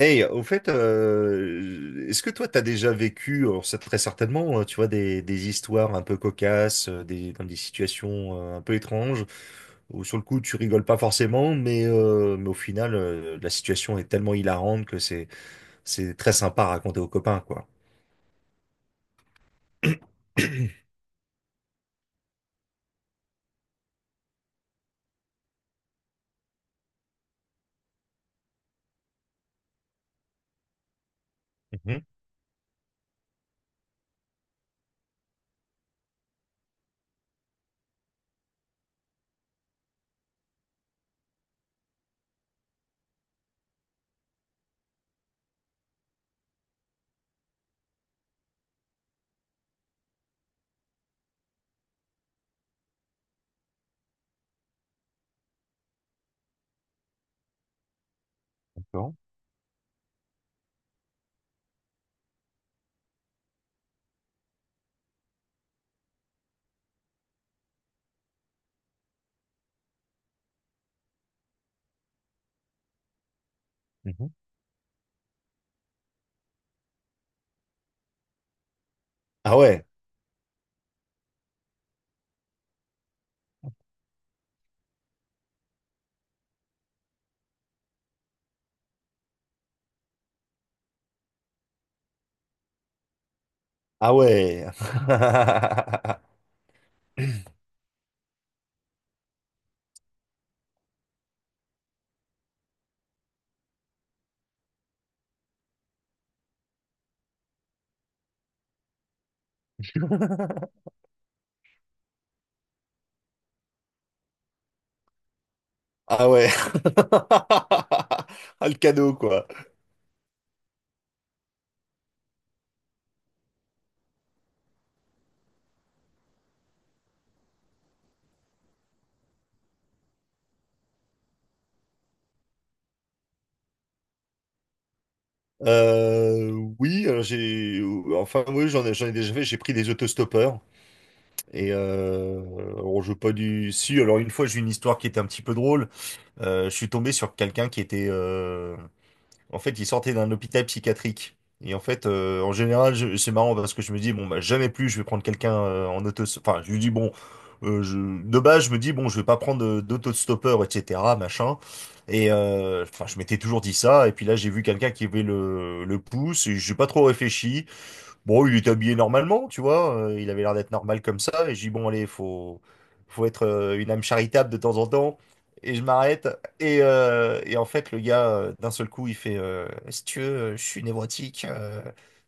Hey, au fait, est-ce que toi, t'as déjà vécu, alors ça très certainement, tu vois, des histoires un peu cocasses, dans des situations un peu étranges, où sur le coup, tu rigoles pas forcément, mais au final, la situation est tellement hilarante que c'est très sympa à raconter aux copains, quoi. Mhm. D'accord. Mhm. Ah ouais, ah ouais. Ah ouais. Ah, le cadeau, quoi. Euh, oui, j'ai enfin oui, j'en ai déjà fait. J'ai pris des autostoppeurs et alors je veux pas du si. Alors une fois, j'ai une histoire qui était un petit peu drôle. Je suis tombé sur quelqu'un qui était en fait, il sortait d'un hôpital psychiatrique. Et en fait, en général, c'est marrant parce que je me dis, bon, bah, jamais plus, je vais prendre quelqu'un en auto... Enfin, je lui dis, bon, je... de base, je me dis, bon, je vais pas prendre d'auto-stoppeur, etc., machin. Et enfin, je m'étais toujours dit ça. Et puis là, j'ai vu quelqu'un qui avait le pouce et j'ai pas trop réfléchi. Bon, il était habillé normalement, tu vois, il avait l'air d'être normal comme ça, et j'ai dit, bon, allez, faut être une âme charitable de temps en temps, et je m'arrête, et en fait, le gars, d'un seul coup, il fait, si tu veux, je suis névrotique.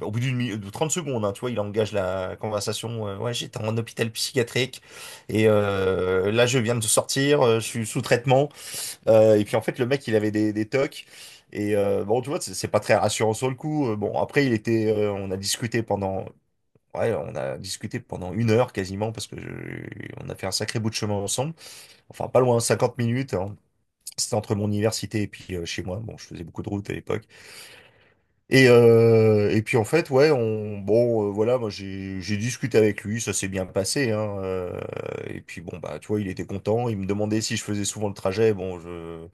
Au bout d'une de 30 secondes, hein, tu vois, il engage la conversation, ouais, j'étais en hôpital psychiatrique, là, je viens de sortir, je suis sous traitement, et puis en fait, le mec, il avait des tocs. Et bon, tu vois, c'est pas très rassurant sur le coup. Bon, après, on a discuté ouais, on a discuté pendant une heure quasiment parce que on a fait un sacré bout de chemin ensemble. Enfin, pas loin, 50 minutes. Hein. C'était entre mon université et puis chez moi. Bon, je faisais beaucoup de route à l'époque. Et puis en fait, ouais, on, bon, voilà, moi j'ai discuté avec lui, ça s'est bien passé, hein, et puis bon, bah, tu vois, il était content, il me demandait si je faisais souvent le trajet, bon, je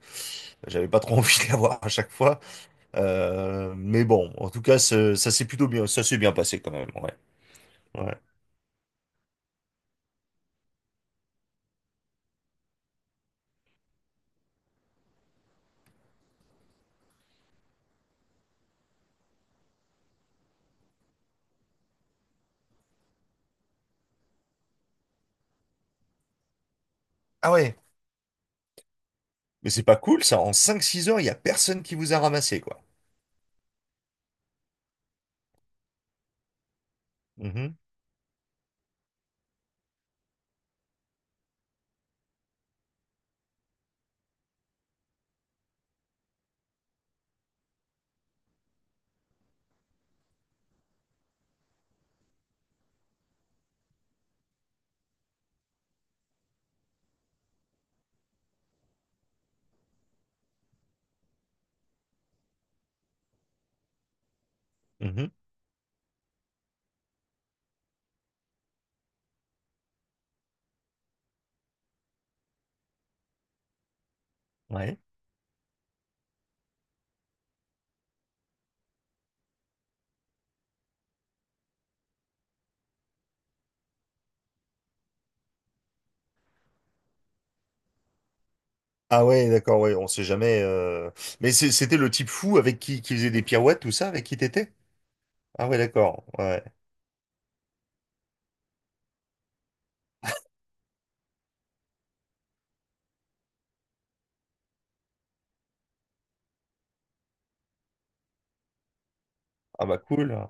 j'avais pas trop envie de l'avoir à chaque fois, mais bon, en tout cas, ça s'est bien passé quand même, ouais, ouais. Ah ouais. Mais c'est pas cool, ça, en cinq six heures, il y a personne qui vous a ramassé, quoi. Mhm, mhm, ouais. Ah ouais, d'accord, ouais, on sait jamais, mais c'était le type fou avec qui faisait des pirouettes, tout ça, avec qui t'étais? Ah ouais, d'accord. Ouais. Ah bah cool.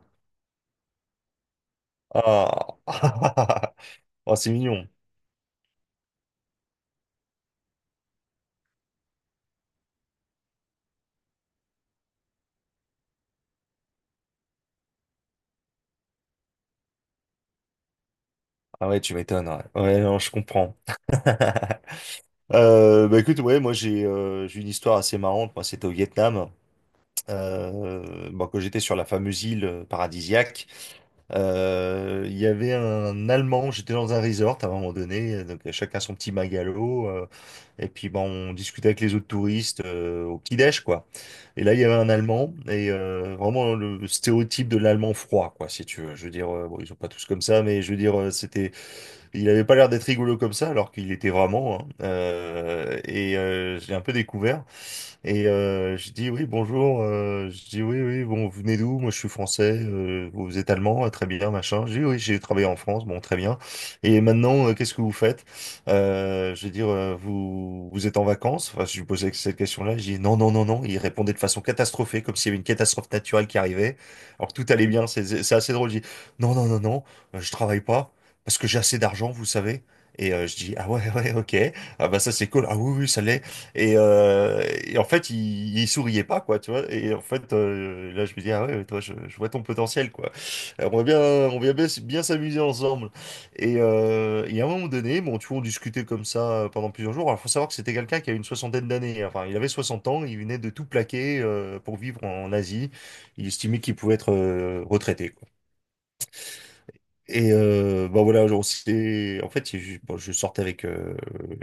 Ah. Oh, c'est mignon. Ah ouais, tu m'étonnes. Ouais. Ouais, non, je comprends. Bah écoute, ouais, moi j'ai une histoire assez marrante. Moi, c'était au Vietnam. Bon, quand j'étais sur la fameuse île paradisiaque, il y avait un Allemand, j'étais dans un resort à un moment donné, donc chacun son petit magalo, et puis bon, on discutait avec les autres touristes au petit-déj, quoi. Et là, il y avait un Allemand, vraiment le stéréotype de l'Allemand froid, quoi, si tu veux. Je veux dire, bon, ils sont pas tous comme ça, mais je veux dire, il avait pas l'air d'être rigolo comme ça, alors qu'il était vraiment, hein. J'ai un peu découvert. Et je dis oui, bonjour. Je dis oui, bon, vous venez d'où? Moi, je suis français. Vous êtes allemand? Ah, très bien, machin. Je dis oui, j'ai travaillé en France. Bon, très bien. Et maintenant, qu'est-ce que vous faites? Je veux dire, vous êtes en vacances? Enfin, je lui posais cette question-là. Je dis non, non, non, non. Il répondait de façon catastrophée, comme s'il y avait une catastrophe naturelle qui arrivait. Alors que tout allait bien. C'est assez drôle. Je dis non, non, non, non. Je travaille pas parce que j'ai assez d'argent, vous savez. Et je dis ah ouais, ouais, ok. Ah bah ça c'est cool. Ah oui, oui, ça l'est. Et en fait, il souriait pas, quoi, tu vois. Et en fait, là, je me dis, ah ouais, toi, je vois ton potentiel, quoi. On va bien, bien s'amuser ensemble. Et à un moment donné, bon, tu vois, on discutait comme ça pendant plusieurs jours. Alors, faut savoir que c'était quelqu'un qui a une soixantaine d'années. Hein. Enfin, il avait 60 ans, il venait de tout plaquer pour vivre en Asie. Il estimait qu'il pouvait être retraité. Et bah voilà, en fait, je, bon, je sortais avec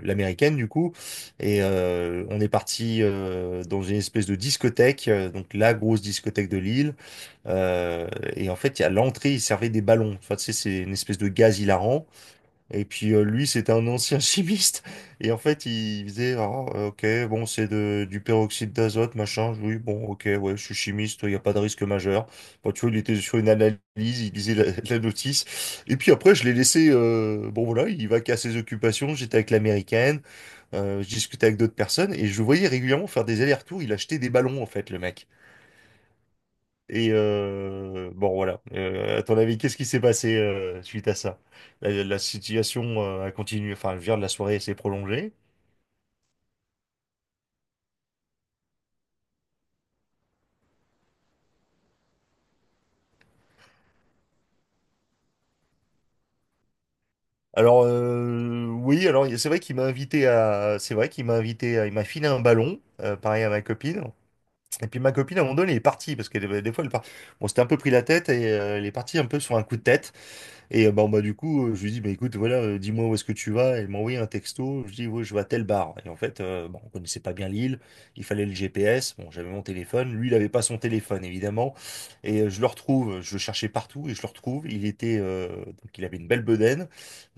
l'américaine du coup, et on est parti dans une espèce de discothèque, donc la grosse discothèque de Lille. Euh, et en fait, à l'entrée, ils servaient des ballons. Enfin, tu sais, c'est une espèce de gaz hilarant. Et puis lui, c'était un ancien chimiste. Et en fait, il faisait, ah, ok, bon, c'est du peroxyde d'azote, machin. Oui, bon, ok, ouais, je suis chimiste, il n'y a pas de risque majeur. Bon, tu vois, il était sur une analyse, il lisait la notice. Et puis après, je l'ai laissé, bon voilà, il va qu'à ses occupations. J'étais avec l'américaine, je discutais avec d'autres personnes et je le voyais régulièrement faire des allers-retours. Il achetait des ballons, en fait, le mec. Et bon, voilà. À ton avis, qu'est-ce qui s'est passé suite à ça? La situation a continué, enfin, je veux dire, la soirée s'est prolongée. Alors, oui, c'est vrai qu'il m'a invité à, il m'a filé un ballon, pareil à ma copine. Et puis ma copine, à un moment donné, elle est partie parce que des fois, elle part... bon, c'était un peu pris la tête et elle est partie un peu sur un coup de tête. Et bon, bah, du coup, je lui dis, bah, écoute, voilà, dis-moi où est-ce que tu vas. Elle m'a envoyé un texto. Je dis, ouais, je vais à tel bar. Et en fait, bon, on connaissait pas bien l'île. Il fallait le GPS. Bon, j'avais mon téléphone. Lui, il avait pas son téléphone, évidemment. Et je le retrouve. Je le cherchais partout et je le retrouve. Il était, donc, il avait une belle bedaine.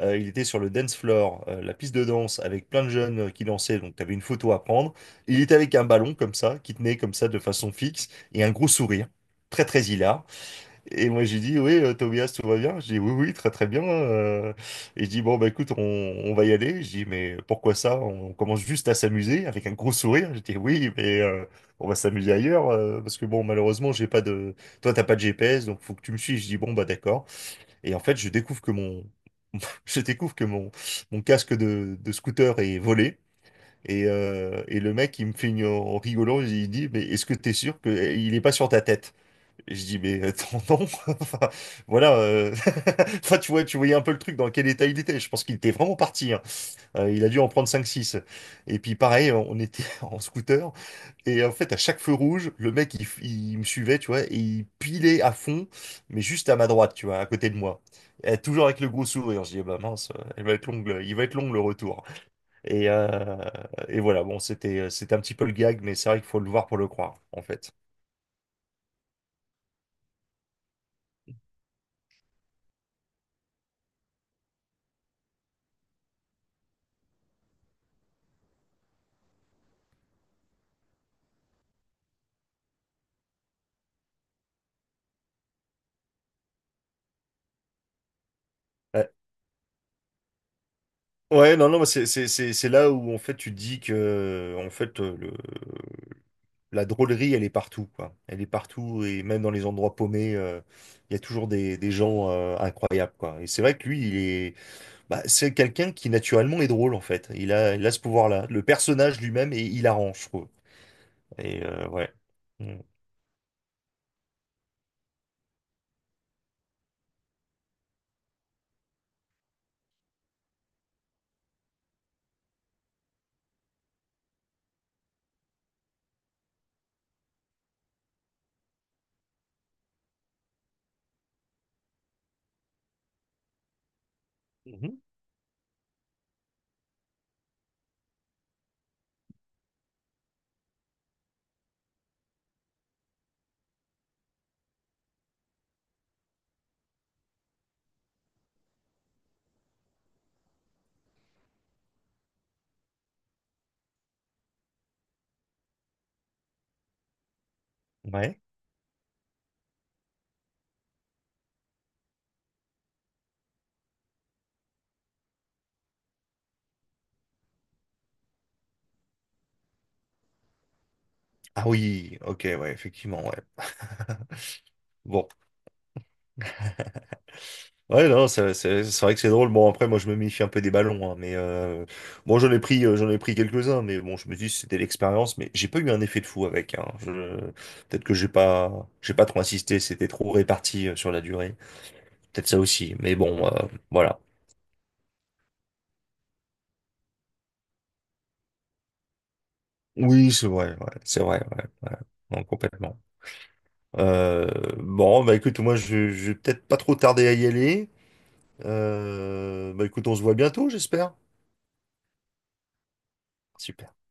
Il était sur le dance floor, la piste de danse, avec plein de jeunes qui dansaient. Donc, tu avais une photo à prendre. Il était avec un ballon comme ça, qui tenait comme ça de façon fixe et un gros sourire. Très, très hilar. Et moi, j'ai dit, oui, Tobias, tout va bien? J'ai dit, oui, oui, très, très bien. Et je dis, bon, bah, écoute, on va y aller. Je dis, mais pourquoi ça? On commence juste à s'amuser avec un gros sourire. Je dis, oui, mais on va s'amuser ailleurs. Parce que, bon, malheureusement, j'ai pas de. Toi, t'as pas de GPS, donc faut que tu me suives. Je dis, bon, bah, d'accord. Et en fait, je découvre que mon. Je découvre que mon casque de scooter est volé. Et le mec, il me fait une, en rigolant, il dit, mais est-ce que t'es sûr qu'il est pas sur ta tête? Et je dis, mais attends, non. Enfin, voilà. Enfin, tu vois, tu voyais un peu le truc dans quel état il était. Je pense qu'il était vraiment parti. Hein. Il a dû en prendre cinq six. Et puis, pareil, on était en scooter. Et en fait, à chaque feu rouge, le mec, il me suivait, tu vois, et il pilait à fond, mais juste à ma droite, tu vois, à côté de moi. Et toujours avec le gros sourire. Je dis, eh bah mince, elle va être longue, il va être long le retour. Et, euh, et voilà, bon, c'était, c'était un petit peu le gag, mais c'est vrai qu'il faut le voir pour le croire, en fait. Euh, Ouais, non, non, mais c'est là où en fait tu dis que en fait la drôlerie elle est partout quoi. Elle est partout et même dans les endroits paumés, il y a toujours des gens incroyables quoi. Et c'est vrai que lui, il est bah, c'est quelqu'un qui naturellement est drôle en fait. Il a ce pouvoir-là. Le personnage lui-même est hilarant, je trouve. Et ouais. Mm. Mhm. Ouais. Ah oui, ok, ouais, effectivement, ouais. Bon. Ouais, non, c'est vrai que c'est drôle. Bon, après, moi, je me méfie un peu des ballons, hein, mais bon, j'en ai pris quelques-uns, mais bon, je me dis, c'était l'expérience, mais j'ai pas eu un effet de fou avec. Hein. Peut-être que j'ai pas trop insisté, c'était trop réparti sur la durée. Peut-être ça aussi, mais bon, voilà. Oui, c'est vrai, ouais, ouais. Non, complètement. Euh, bon, bah écoute, moi, je vais peut-être pas trop tarder à y aller. Bah écoute, on se voit bientôt, j'espère. Super.